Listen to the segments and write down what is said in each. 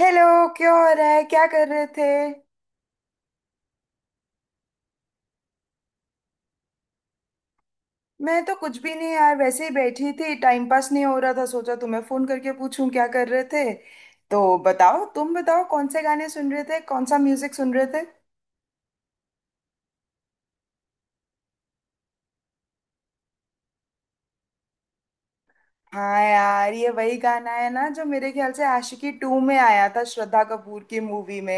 Hello. क्या हो रहा है, क्या कर रहे थे? मैं तो कुछ भी नहीं यार, वैसे ही बैठी थी, टाइम पास नहीं हो रहा था, सोचा तुम्हें फोन करके पूछूं क्या कर रहे थे। तो बताओ, तुम बताओ कौन से गाने सुन रहे थे, कौन सा म्यूजिक सुन रहे थे? हाँ यार, ये वही गाना है ना जो मेरे ख्याल से आशिकी टू में आया था, श्रद्धा कपूर की मूवी में।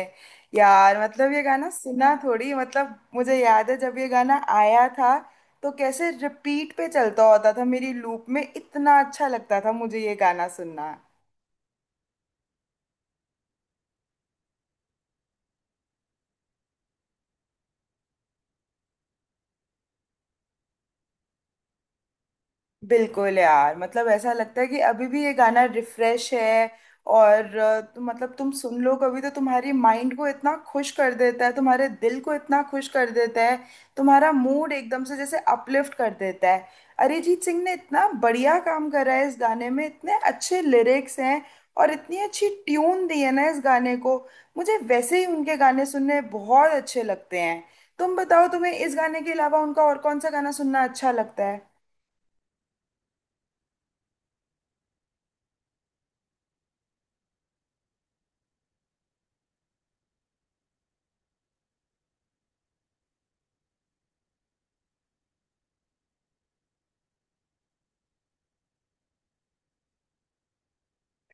यार मतलब ये गाना सुना थोड़ी, मतलब मुझे याद है जब ये गाना आया था तो कैसे रिपीट पे चलता होता था, मेरी लूप में। इतना अच्छा लगता था मुझे ये गाना सुनना। बिल्कुल यार, मतलब ऐसा लगता है कि अभी भी ये गाना रिफ्रेश है। और तो मतलब तुम सुन लो कभी तो तुम्हारी माइंड को इतना खुश कर देता है, तुम्हारे दिल को इतना खुश कर देता है, तुम्हारा मूड एकदम से जैसे अपलिफ्ट कर देता है। अरिजीत सिंह ने इतना बढ़िया काम करा है इस गाने में, इतने अच्छे लिरिक्स हैं और इतनी अच्छी ट्यून दी है ना इस गाने को। मुझे वैसे ही उनके गाने सुनने बहुत अच्छे लगते हैं। तुम बताओ तुम्हें इस गाने के अलावा उनका और कौन सा गाना सुनना अच्छा लगता है?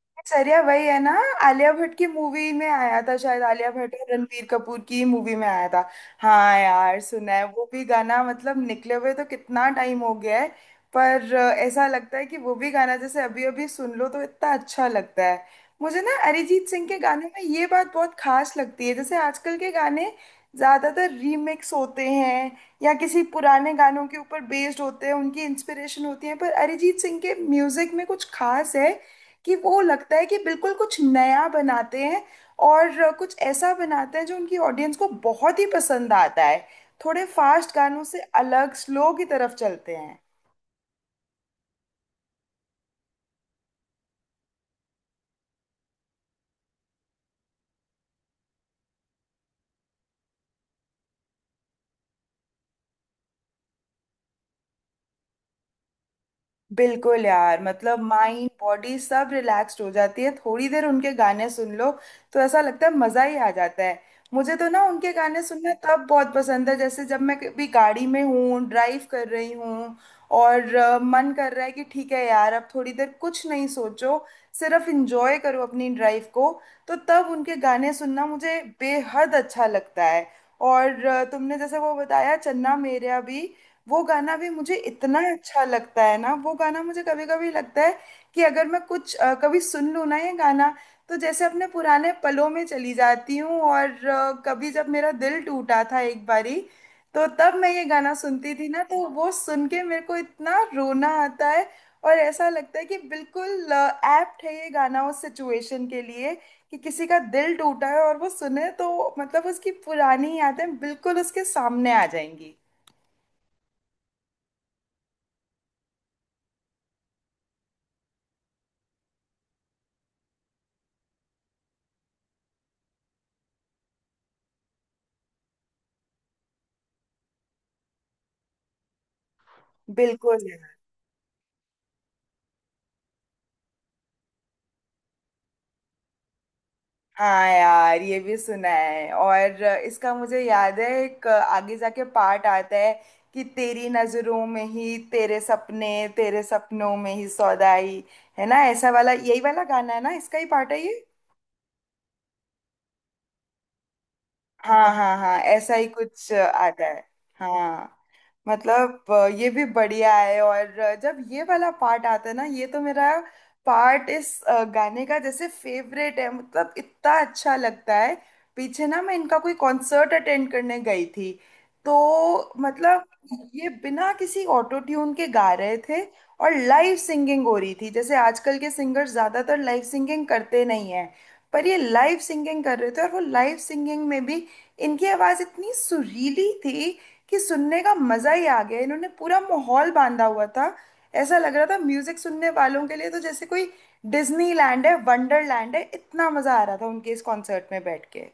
दिनचर्या वही है ना, आलिया भट्ट की मूवी में आया था, शायद आलिया भट्ट और रणबीर कपूर की मूवी में आया था। हाँ यार, सुना है वो भी गाना। मतलब निकले हुए तो कितना टाइम हो गया है, पर ऐसा लगता है कि वो भी गाना जैसे अभी अभी सुन लो तो इतना अच्छा लगता है। मुझे ना अरिजीत सिंह के गाने में ये बात बहुत खास लगती है, जैसे आजकल के गाने ज्यादातर रीमिक्स होते हैं या किसी पुराने गानों के ऊपर बेस्ड होते हैं, उनकी इंस्पिरेशन होती है, पर अरिजीत सिंह के म्यूजिक में कुछ खास है कि वो लगता है कि बिल्कुल कुछ नया बनाते हैं और कुछ ऐसा बनाते हैं जो उनकी ऑडियंस को बहुत ही पसंद आता है। थोड़े फास्ट गानों से अलग स्लो की तरफ चलते हैं। बिल्कुल यार, मतलब माइंड बॉडी सब रिलैक्स्ड हो जाती है थोड़ी देर उनके गाने सुन लो तो, ऐसा लगता है मजा ही आ जाता है। मुझे तो ना उनके गाने सुनना तब बहुत पसंद है जैसे जब मैं कभी गाड़ी में हूँ, ड्राइव कर रही हूँ और मन कर रहा है कि ठीक है यार अब थोड़ी देर कुछ नहीं सोचो, सिर्फ इंजॉय करो अपनी ड्राइव को, तो तब उनके गाने सुनना मुझे बेहद अच्छा लगता है। और तुमने जैसे वो बताया चन्ना मेरेया भी, वो गाना भी मुझे इतना अच्छा लगता है ना। वो गाना मुझे कभी कभी लगता है कि अगर मैं कुछ कभी सुन लूँ ना ये गाना, तो जैसे अपने पुराने पलों में चली जाती हूँ। और कभी जब मेरा दिल टूटा था एक बारी, तो तब मैं ये गाना सुनती थी ना, तो वो सुन के मेरे को इतना रोना आता है। और ऐसा लगता है कि बिल्कुल एप्ट है ये गाना उस सिचुएशन के लिए, कि किसी का दिल टूटा है और वो सुने तो मतलब उसकी पुरानी यादें बिल्कुल उसके सामने आ जाएंगी। बिल्कुल। हाँ यार ये भी सुना है, और इसका मुझे याद है एक आगे जाके पार्ट आता है कि तेरी नजरों में ही तेरे सपने, तेरे सपनों में ही सौदाई। है ना ऐसा वाला? यही वाला गाना है ना, इसका ही पार्ट है ये। हाँ हाँ हाँ, ऐसा ही कुछ आता है। हाँ। मतलब ये भी बढ़िया है। और जब ये वाला पार्ट आता है ना ये तो मेरा पार्ट, इस गाने का जैसे फेवरेट है, मतलब इतना अच्छा लगता है। पीछे ना मैं इनका कोई कॉन्सर्ट अटेंड करने गई थी, तो मतलब, ये बिना किसी ऑटो ट्यून के गा रहे थे और लाइव सिंगिंग हो रही थी। जैसे आजकल के सिंगर ज्यादातर लाइव सिंगिंग करते नहीं हैं, पर ये लाइव सिंगिंग कर रहे थे। और वो लाइव सिंगिंग में भी इनकी आवाज इतनी सुरीली थी कि सुनने का मजा ही आ गया। इन्होंने पूरा माहौल बांधा हुआ था, ऐसा लग रहा था म्यूजिक सुनने वालों के लिए तो जैसे कोई डिज्नीलैंड है, वंडरलैंड है। इतना मजा आ रहा था उनके इस कॉन्सर्ट में बैठ के।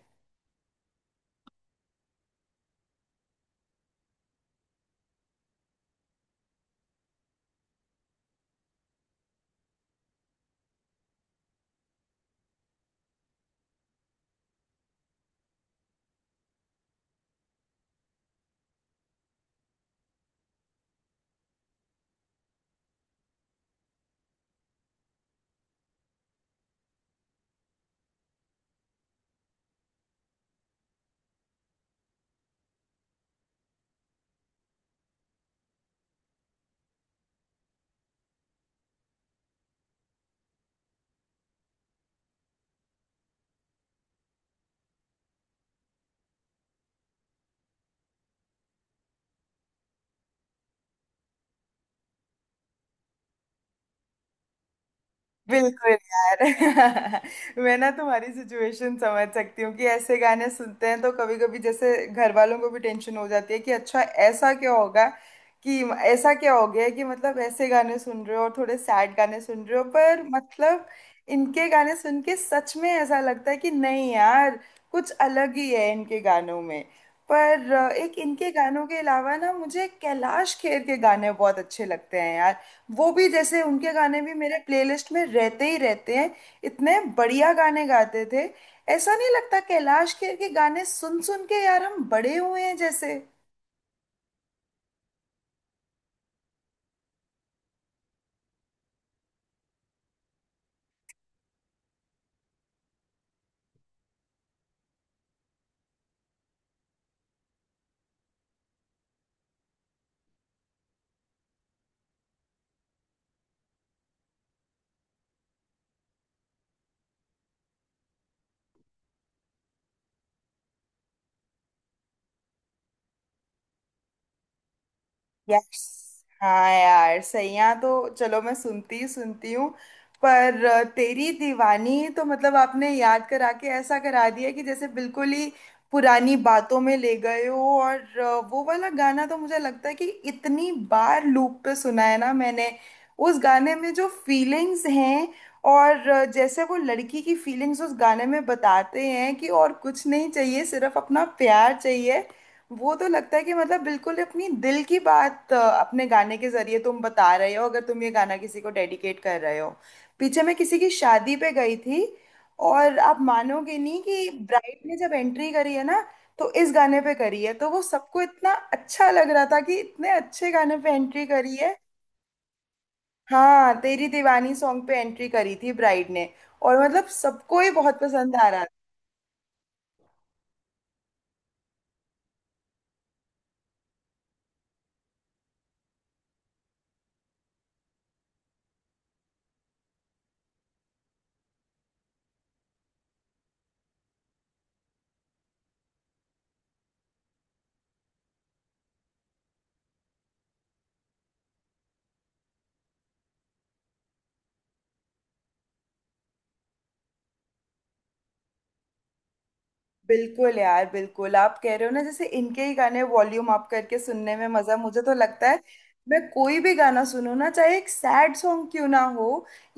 बिल्कुल यार। मैं ना तुम्हारी सिचुएशन समझ सकती हूँ कि ऐसे गाने सुनते हैं तो कभी कभी जैसे घर वालों को भी टेंशन हो जाती है कि अच्छा ऐसा क्या होगा कि, ऐसा क्या हो गया कि मतलब ऐसे गाने सुन रहे हो, और थोड़े सैड गाने सुन रहे हो। पर मतलब इनके गाने सुन के सच में ऐसा लगता है कि नहीं यार, कुछ अलग ही है इनके गानों में। पर एक इनके गानों के अलावा ना मुझे कैलाश खेर के गाने बहुत अच्छे लगते हैं यार। वो भी जैसे, उनके गाने भी मेरे प्लेलिस्ट में रहते ही रहते हैं। इतने बढ़िया गाने गाते थे, ऐसा नहीं लगता कैलाश खेर के गाने सुन सुन के यार हम बड़े हुए हैं जैसे? यस। हाँ यार सैया तो चलो, मैं सुनती ही सुनती हूँ। पर तेरी दीवानी तो मतलब आपने याद करा के ऐसा करा दिया कि जैसे बिल्कुल ही पुरानी बातों में ले गए हो। और वो वाला गाना तो मुझे लगता है कि इतनी बार लूप पे सुना है ना मैंने। उस गाने में जो फीलिंग्स हैं, और जैसे वो लड़की की फीलिंग्स उस गाने में बताते हैं कि और कुछ नहीं चाहिए, सिर्फ अपना प्यार चाहिए, वो तो लगता है कि मतलब बिल्कुल अपनी दिल की बात, अपने गाने के जरिए तुम बता रहे हो अगर तुम ये गाना किसी को डेडिकेट कर रहे हो। पीछे मैं किसी की शादी पे गई थी, और आप मानोगे नहीं कि ब्राइड ने जब एंट्री करी है ना, तो इस गाने पे करी है। तो वो सबको इतना अच्छा लग रहा था कि इतने अच्छे गाने पे एंट्री करी है। हाँ, तेरी दीवानी सॉन्ग पे एंट्री करी थी ब्राइड ने, और मतलब सबको ही बहुत पसंद आ रहा। बिल्कुल यार, बिल्कुल आप कह रहे हो ना, जैसे इनके ही गाने वॉल्यूम अप करके सुनने में मजा, मुझे तो लगता है मैं कोई भी गाना सुनूं ना, चाहे एक सैड सॉन्ग क्यों ना हो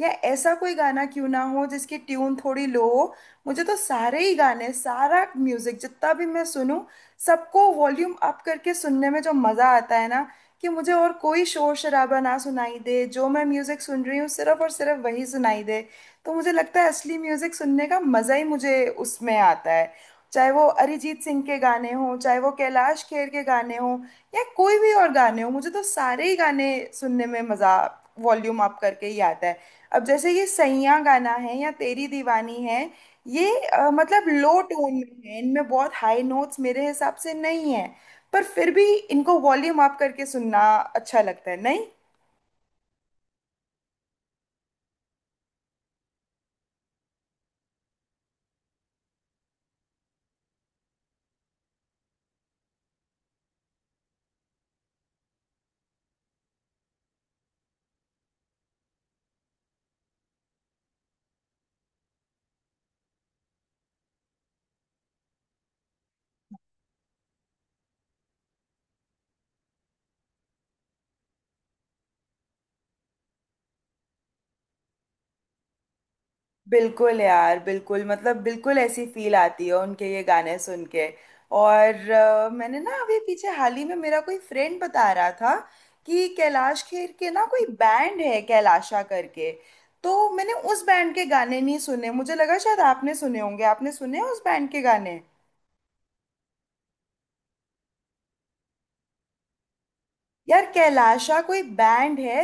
या ऐसा कोई गाना क्यों ना हो जिसकी ट्यून थोड़ी लो हो, मुझे तो सारे ही गाने, सारा म्यूजिक जितना भी मैं सुनूं, सबको वॉल्यूम अप करके सुनने में जो मजा आता है ना, कि मुझे और कोई शोर शराबा ना सुनाई दे, जो मैं म्यूजिक सुन रही हूँ सिर्फ और सिर्फ वही सुनाई दे, तो मुझे लगता है असली म्यूजिक सुनने का मजा ही मुझे उसमें आता है। चाहे वो अरिजीत सिंह के गाने हों, चाहे वो कैलाश खेर के गाने हों, या कोई भी और गाने हों, मुझे तो सारे ही गाने सुनने में मज़ा वॉल्यूम अप करके ही आता है। अब जैसे ये सैयां गाना है या तेरी दीवानी है, ये मतलब लो टोन में है, इनमें बहुत हाई नोट्स मेरे हिसाब से नहीं है, पर फिर भी इनको वॉल्यूम अप करके सुनना अच्छा लगता है, नहीं? बिल्कुल यार, बिल्कुल मतलब बिल्कुल ऐसी फील आती है उनके ये गाने सुन के। और मैंने ना अभी पीछे हाल ही में मेरा कोई फ्रेंड बता रहा था कि कैलाश खेर के ना कोई बैंड है कैलाशा करके। तो मैंने उस बैंड के गाने नहीं सुने, मुझे लगा शायद आपने सुने होंगे। आपने सुने हैं उस बैंड के गाने? यार कैलाशा कोई बैंड है,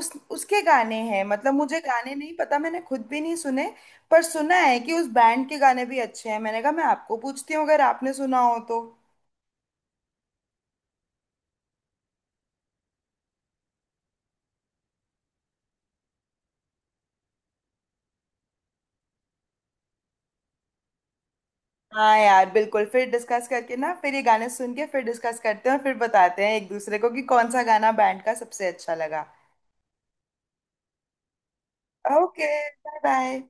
उस उसके गाने हैं, मतलब मुझे गाने नहीं पता, मैंने खुद भी नहीं सुने, पर सुना है कि उस बैंड के गाने भी अच्छे हैं। मैंने कहा मैं आपको पूछती हूँ अगर आपने सुना हो तो। हाँ यार बिल्कुल, फिर डिस्कस करके ना, फिर ये गाने सुन के फिर डिस्कस करते हैं, और फिर बताते हैं एक दूसरे को कि कौन सा गाना बैंड का सबसे अच्छा लगा। ओके। Bye bye.